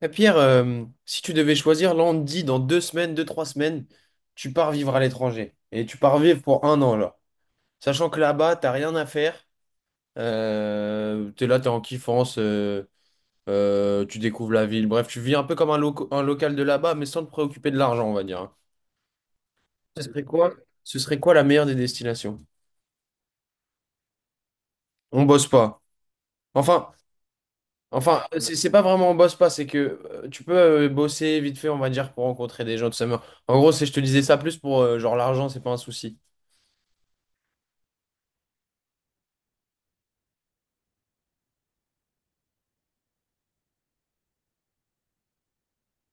Eh, Pierre, si tu devais choisir, là on te dit dans deux semaines, deux, trois semaines, tu pars vivre à l'étranger. Et tu pars vivre pour un an là. Sachant que là-bas, t'as rien à faire. T'es là, t'es en kiffance, tu découvres la ville. Bref, tu vis un peu comme un, un local de là-bas, mais sans te préoccuper de l'argent, on va dire, hein. Ce serait quoi? Ce serait quoi la meilleure des destinations? On bosse pas. Enfin, Enfin, c'est pas vraiment on bosse pas, c'est que tu peux bosser vite fait, on va dire, pour rencontrer des gens, tout ça. Mais en gros, c'est, je te disais ça plus pour genre l'argent, c'est pas un souci.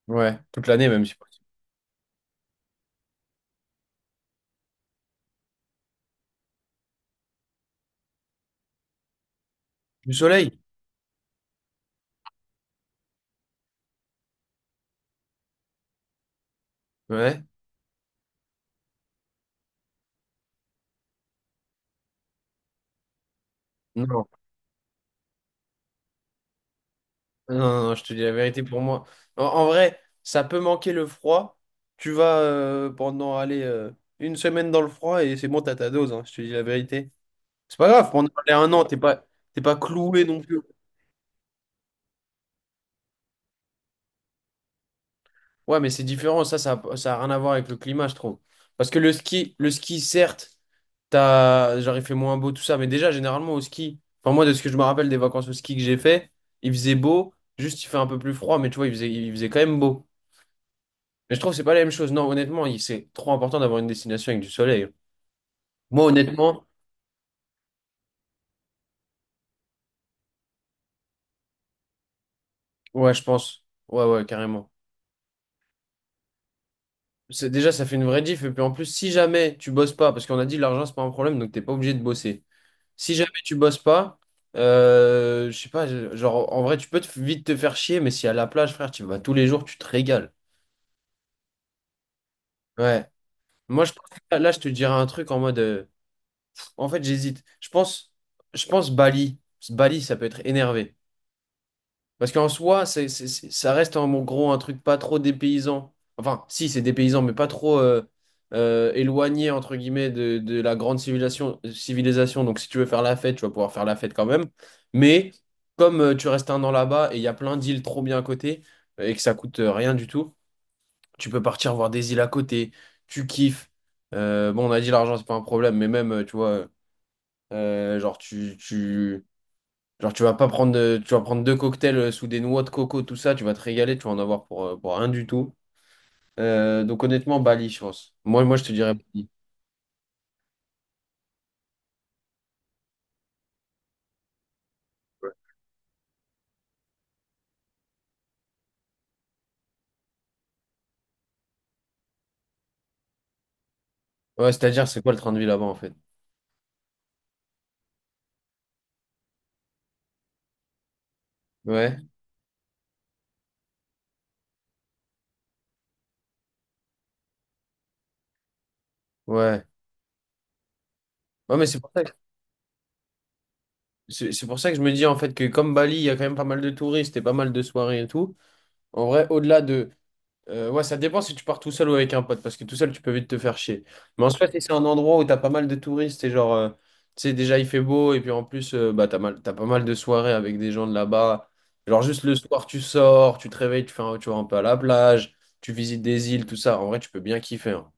Ouais, toute l'année même, si possible. Du soleil? Ouais. Non. Non, non, non, je te dis la vérité pour moi. En, en vrai, ça peut manquer le froid. Tu vas pendant, aller une semaine dans le froid et c'est bon, t'as ta dose, hein, je te dis la vérité. C'est pas grave, pendant allez, un an, t'es pas cloué non plus. Ouais, mais c'est différent, ça a rien à voir avec le climat, je trouve. Parce que le ski, certes, t'as, genre, il fait moins beau, tout ça, mais déjà, généralement, au ski, enfin, moi, de ce que je me rappelle des vacances au ski que j'ai fait, il faisait beau, juste, il fait un peu plus froid, mais tu vois, il faisait quand même beau. Mais je trouve que c'est pas la même chose. Non, honnêtement, c'est trop important d'avoir une destination avec du soleil. Moi, honnêtement, ouais, je pense. Ouais, ouais, carrément. C'est, déjà, ça fait une vraie diff, et puis en plus, si jamais tu bosses pas, parce qu'on a dit l'argent, c'est pas un problème, donc t'es pas obligé de bosser. Si jamais tu bosses pas, je sais pas, genre en vrai tu peux vite te faire chier, mais si à la plage, frère, tu vas tous les jours, tu te régales. Ouais. Moi je pense que là, je te dirais un truc en mode en fait j'hésite. Je pense Bali. Bali, ça peut être énervé. Parce qu'en soi, ça reste en gros un truc pas trop dépaysant. Enfin, si, c'est dépaysant, mais pas trop éloigné, entre guillemets, de la grande civilisation. Donc, si tu veux faire la fête, tu vas pouvoir faire la fête quand même. Mais comme tu restes un an là-bas et il y a plein d'îles trop bien à côté et que ça coûte rien du tout, tu peux partir voir des îles à côté, tu kiffes. Bon, on a dit l'argent, c'est pas un problème, mais même, tu vois, genre, genre, tu vas pas prendre, tu vas prendre deux cocktails sous des noix de coco, tout ça, tu vas te régaler, tu vas en avoir pour rien du tout. Donc, honnêtement, Bali, je pense. Moi, je te dirais Bali. Ouais, c'est-à-dire, c'est quoi le train de vie là-bas, en fait? Ouais, ouais. Ouais, mais c'est pour ça que je me dis, en fait, que comme Bali, il y a quand même pas mal de touristes et pas mal de soirées et tout. En vrai, au-delà de, ouais, ça dépend si tu pars tout seul ou avec un pote, parce que tout seul, tu peux vite te faire chier. Mais en soit, si c'est un endroit où t'as pas mal de touristes, et genre, tu sais, déjà il fait beau, et puis en plus, bah, t'as pas mal de soirées avec des gens de là-bas. Genre, juste le soir, tu sors, tu te réveilles, tu vas un peu à la plage, tu visites des îles, tout ça. En vrai, tu peux bien kiffer, hein.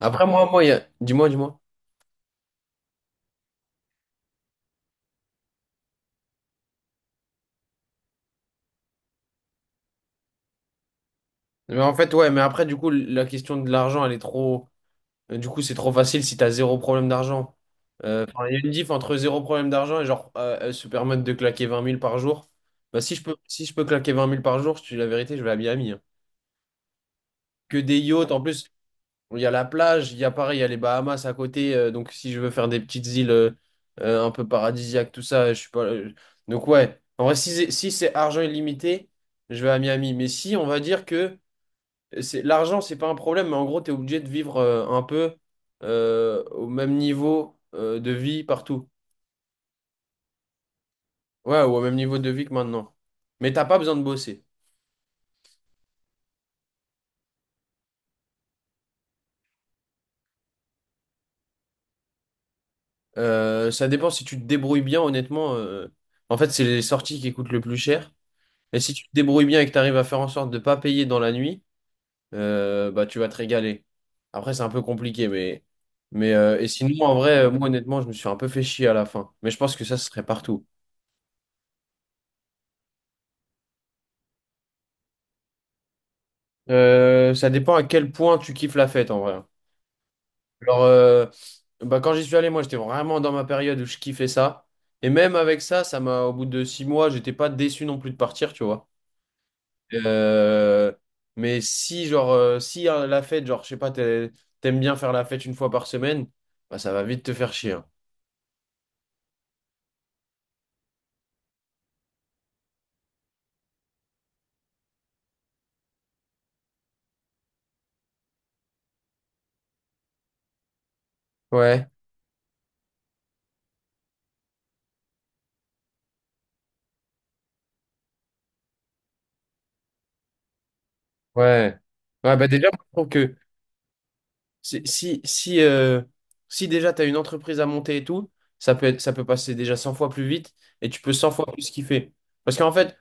Après, moi, il y a... dis-moi, dis-moi. Mais en fait, ouais, mais après, du coup, la question de l'argent, elle est trop. Du coup, c'est trop facile si t'as zéro problème d'argent. Enfin, il y a une diff entre zéro problème d'argent et genre se permettre de claquer vingt mille par jour. Bah, si je peux claquer vingt mille par jour, je te dis la vérité, je vais à Miami, hein. Que des yachts, en plus, il y a la plage, il y a pareil, il y a les Bahamas à côté. Donc si je veux faire des petites îles un peu paradisiaques, tout ça, je suis pas. Donc ouais, en vrai, si, si c'est argent illimité, je vais à Miami. Mais si on va dire que c'est l'argent, c'est pas un problème, mais en gros, tu es obligé de vivre un peu au même niveau de vie partout. Ouais, ou au même niveau de vie que maintenant. Mais t'as pas besoin de bosser. Ça dépend si tu te débrouilles bien, honnêtement. En fait, c'est les sorties qui coûtent le plus cher. Et si tu te débrouilles bien et que tu arrives à faire en sorte de pas payer dans la nuit, bah tu vas te régaler. Après, c'est un peu compliqué, mais. Mais et sinon, en vrai, moi honnêtement, je me suis un peu fait chier à la fin. Mais je pense que ça, ce serait partout. Ça dépend à quel point tu kiffes la fête en vrai. Genre, bah, quand j'y suis allé, moi j'étais vraiment dans ma période où je kiffais ça. Et même avec ça, ça m'a, au bout de six mois, j'étais pas déçu non plus de partir, tu vois. Euh, mais si, genre, si la fête, genre, je sais pas, t'aimes bien faire la fête une fois par semaine, bah, ça va vite te faire chier, hein. Ouais, ouais. Ouais, bah déjà, je trouve que si, si, si déjà tu as une entreprise à monter et tout, ça peut passer déjà 100 fois plus vite et tu peux cent fois plus kiffer. Parce qu'en fait,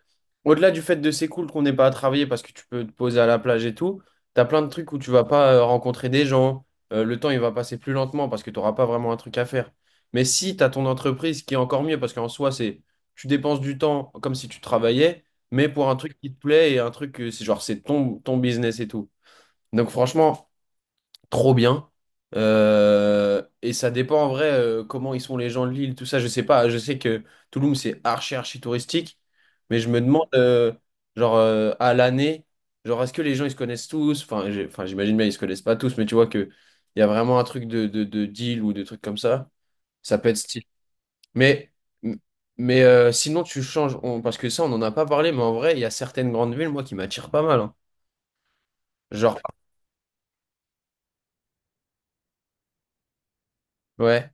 au-delà du fait de c'est cool qu'on n'ait pas à travailler parce que tu peux te poser à la plage et tout, tu as plein de trucs où tu vas pas rencontrer des gens, le temps il va passer plus lentement parce que tu n'auras pas vraiment un truc à faire. Mais si tu as ton entreprise ce qui est encore mieux parce qu'en soi, c'est tu dépenses du temps comme si tu travaillais, mais pour un truc qui te plaît et un truc que c'est genre c'est ton business et tout. Donc franchement trop bien. Et ça dépend en vrai comment ils sont les gens de l'île, tout ça, je sais pas. Je sais que Toulouse c'est archi touristique, mais je me demande genre à l'année, genre est-ce que les gens ils se connaissent tous? Enfin j'imagine bien ils se connaissent pas tous, mais tu vois que il y a vraiment un truc de deal ou de trucs comme ça. Ça peut être stylé. Mais, mais sinon, tu changes. Parce que ça, on n'en a pas parlé, mais en vrai, il y a certaines grandes villes, moi, qui m'attirent pas mal, hein. Genre, ouais.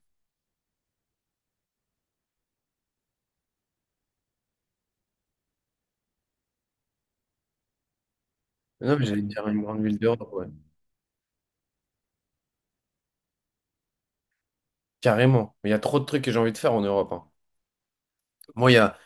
Non, mais j'allais dire une grande ville d'Europe, ouais. Carrément. Mais il y a trop de trucs que j'ai envie de faire en Europe, hein. Moi, il y a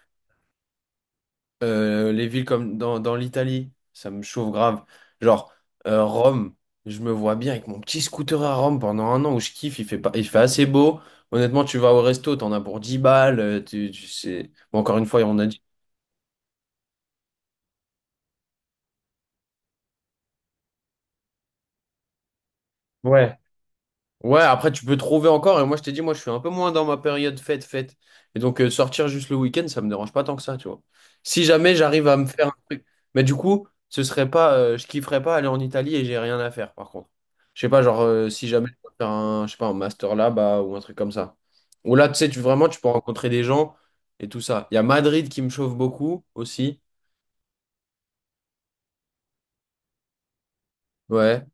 les villes comme dans l'Italie, ça me chauffe grave. Genre, Rome, je me vois bien avec mon petit scooter à Rome pendant un an où je kiffe, il fait pas, il fait assez beau. Honnêtement, tu vas au resto, t'en as pour 10 balles. Tu sais... Bon, encore une fois, on a dit. Ouais. Ouais, après tu peux trouver encore, et moi je t'ai dit, moi je suis un peu moins dans ma période fête. Et donc sortir juste le week-end, ça me dérange pas tant que ça, tu vois. Si jamais j'arrive à me faire un truc. Mais du coup, ce serait pas, je kifferais pas aller en Italie et j'ai rien à faire, par contre. Je sais pas, genre si jamais je peux faire un, je sais pas, un master là-bas ou un truc comme ça. Ou là, tu sais, tu vraiment tu peux rencontrer des gens et tout ça. Il y a Madrid qui me chauffe beaucoup aussi. Ouais.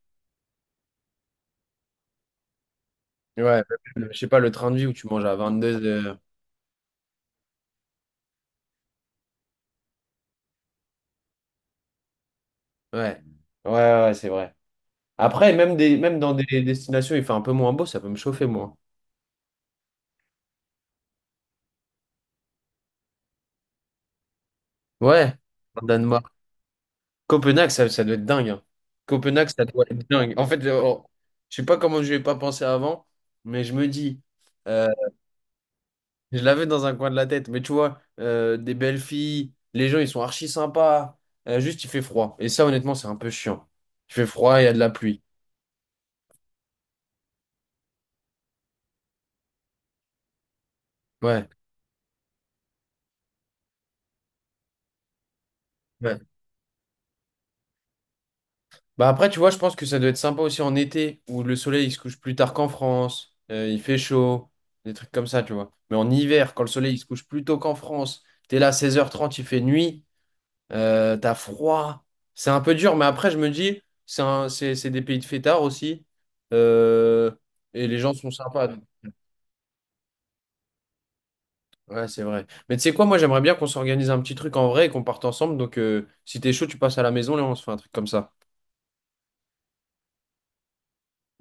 Ouais. Je sais pas, le train de vie où tu manges à 22 heures. Ouais. Ouais, ouais, ouais, c'est vrai. Après, même, même dans des destinations, il fait un peu moins beau, ça peut me chauffer, moi. Ouais, en Danemark. Copenhague, ça doit être dingue, hein. Copenhague, ça doit être dingue. En fait, je oh, je sais pas comment je n'ai pas pensé avant, mais je me dis, euh, je l'avais dans un coin de la tête, mais tu vois, des belles filles, les gens, ils sont archi sympas. Juste, il fait froid. Et ça, honnêtement, c'est un peu chiant. Il fait froid, il y a de la pluie. Ouais. Ouais. Bah après, tu vois, je pense que ça doit être sympa aussi en été, où le soleil il se couche plus tard qu'en France, il fait chaud, des trucs comme ça, tu vois. Mais en hiver, quand le soleil il se couche plus tôt qu'en France, t'es là 16h30, il fait nuit, t'as froid. C'est un peu dur, mais après, je me dis, c'est des pays de fêtards aussi, euh, et les gens sont sympas. Donc- ouais, c'est vrai. Mais tu sais quoi, moi, j'aimerais bien qu'on s'organise un petit truc en vrai et qu'on parte ensemble. Donc, si t'es chaud, tu passes à la maison, là, on se fait un truc comme ça.